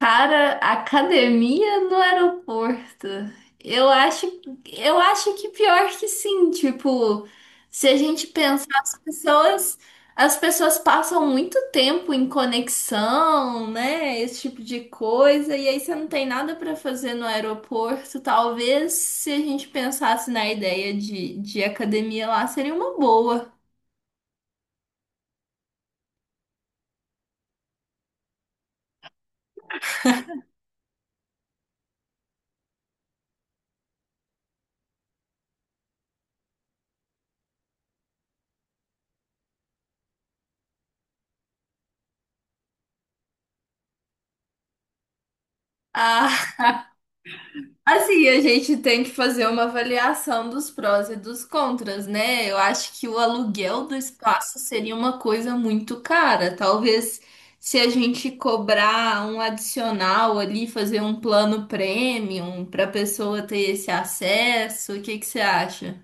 Cara, academia no aeroporto. Eu acho, eu acho que pior que sim, tipo, se a gente pensar, as pessoas passam muito tempo em conexão, né? Esse tipo de coisa, e aí você não tem nada pra fazer no aeroporto. Talvez se a gente pensasse na ideia de academia lá, seria uma boa. Ah, assim, a gente tem que fazer uma avaliação dos prós e dos contras, né? Eu acho que o aluguel do espaço seria uma coisa muito cara. Talvez se a gente cobrar um adicional ali, fazer um plano premium para a pessoa ter esse acesso, o que que você acha?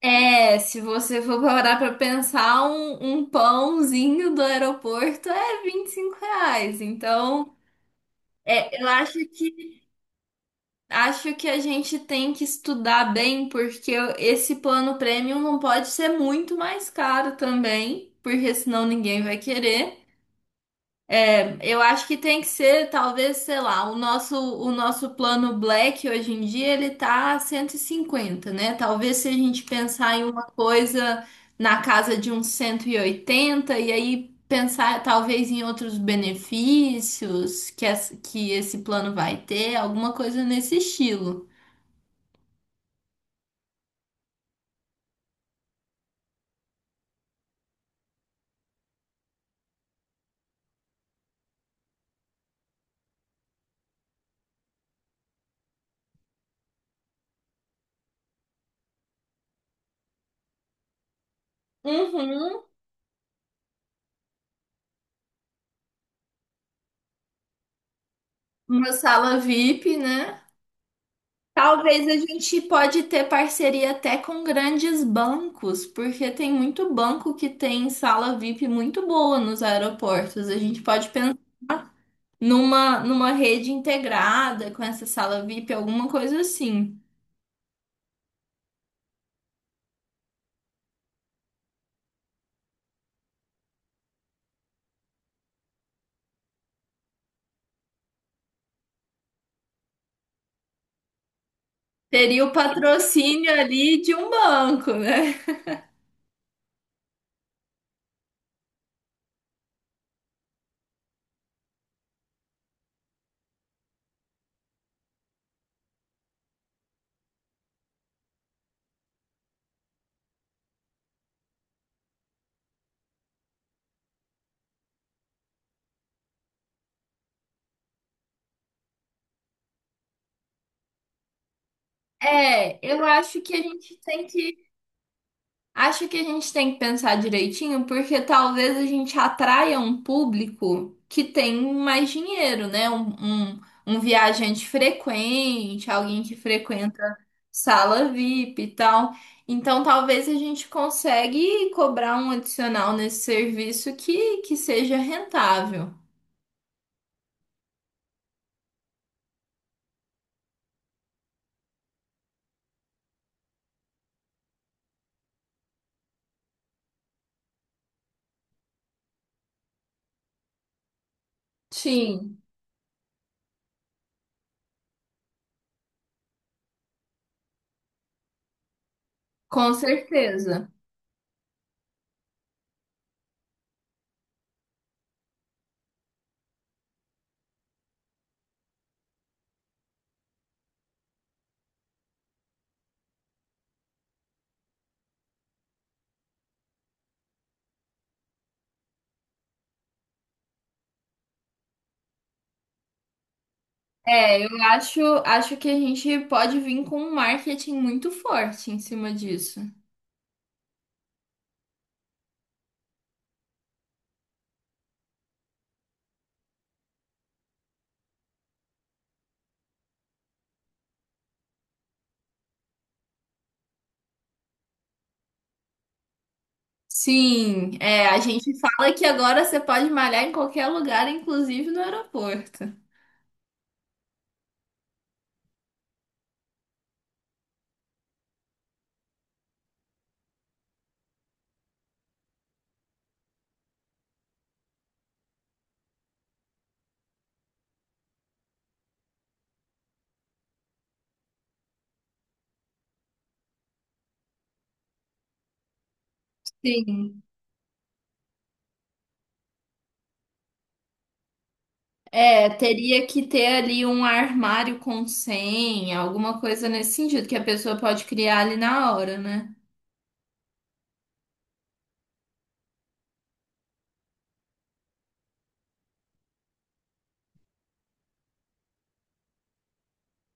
É, se você for parar para pensar, um pãozinho do aeroporto é R$ 25. Então, é, eu acho que acho que a gente tem que estudar bem, porque esse plano premium não pode ser muito mais caro também, porque senão ninguém vai querer. Eu acho que tem que ser, talvez, sei lá, o nosso plano Black hoje em dia ele tá 150, né? Talvez se a gente pensar em uma coisa na casa de uns 180 e aí pensar talvez em outros benefícios que, que esse plano vai ter, alguma coisa nesse estilo. Uhum. Uma sala VIP, né? Talvez a gente pode ter parceria até com grandes bancos, porque tem muito banco que tem sala VIP muito boa nos aeroportos. A gente pode pensar numa rede integrada com essa sala VIP, alguma coisa assim. Teria o patrocínio ali de um banco, né? É, eu acho que a gente tem que Acho que a gente tem que pensar direitinho, porque talvez a gente atraia um público que tem mais dinheiro, né? Um viajante frequente, alguém que frequenta sala VIP e tal. Então, talvez a gente consiga cobrar um adicional nesse serviço que seja rentável. Sim, com certeza. É, eu acho, acho que a gente pode vir com um marketing muito forte em cima disso. Sim, é, a gente fala que agora você pode malhar em qualquer lugar, inclusive no aeroporto. Sim. É, teria que ter ali um armário com senha, alguma coisa nesse sentido que a pessoa pode criar ali na hora, né?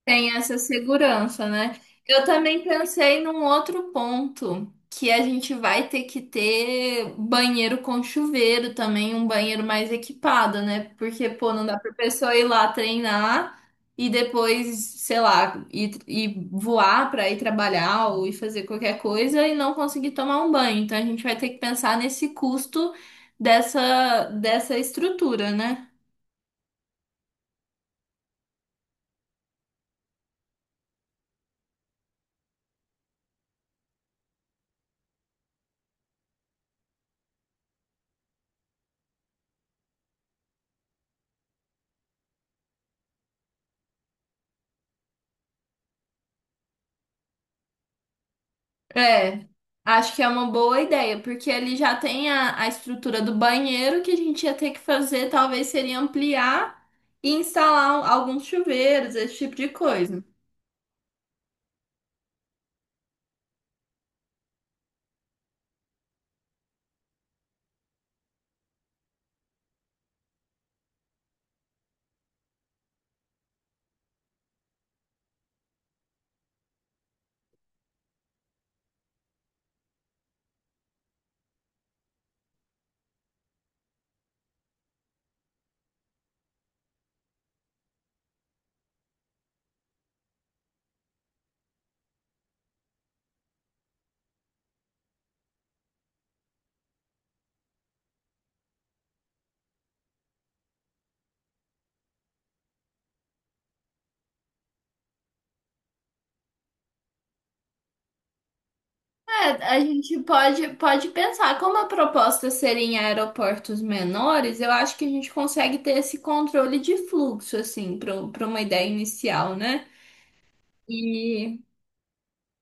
Tem essa segurança, né? Eu também pensei num outro ponto, que a gente vai ter que ter banheiro com chuveiro também, um banheiro mais equipado, né? Porque, pô, não dá pra pessoa ir lá treinar e depois, sei lá, ir voar pra ir trabalhar ou ir fazer qualquer coisa e não conseguir tomar um banho. Então a gente vai ter que pensar nesse custo dessa estrutura, né? É, acho que é uma boa ideia, porque ele já tem a estrutura do banheiro que a gente ia ter que fazer, talvez seria ampliar e instalar um, alguns chuveiros, esse tipo de coisa. É, a gente pode pensar, como a proposta seria em aeroportos menores, eu acho que a gente consegue ter esse controle de fluxo, assim, para uma ideia inicial, né? e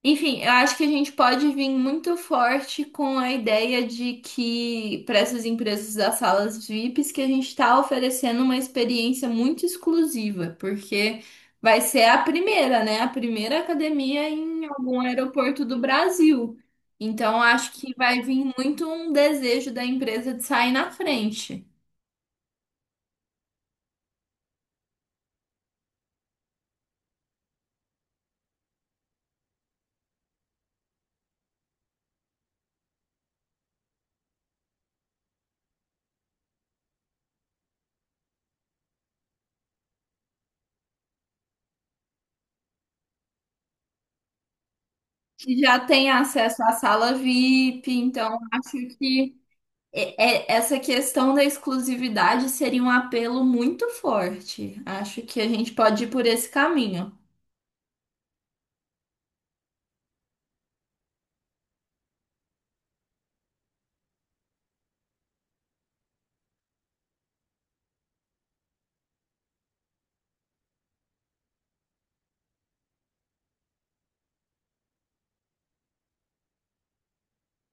Enfim, eu acho que a gente pode vir muito forte com a ideia de que para essas empresas das salas VIPs que a gente está oferecendo uma experiência muito exclusiva, porque vai ser a primeira, né? A primeira academia em algum aeroporto do Brasil. Então, acho que vai vir muito um desejo da empresa de sair na frente. Que já tem acesso à sala VIP, então acho que Essa questão da exclusividade seria um apelo muito forte. Acho que a gente pode ir por esse caminho.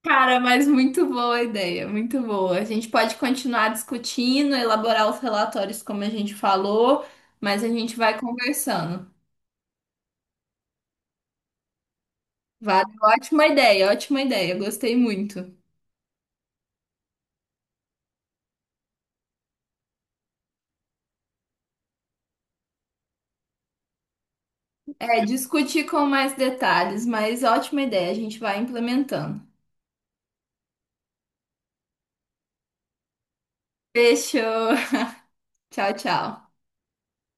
Cara, mas muito boa a ideia, muito boa. A gente pode continuar discutindo, elaborar os relatórios como a gente falou, mas a gente vai conversando. Vale, ótima ideia, gostei muito. É, discutir com mais detalhes, mas ótima ideia, a gente vai implementando. Fechou. Tchau, tchau.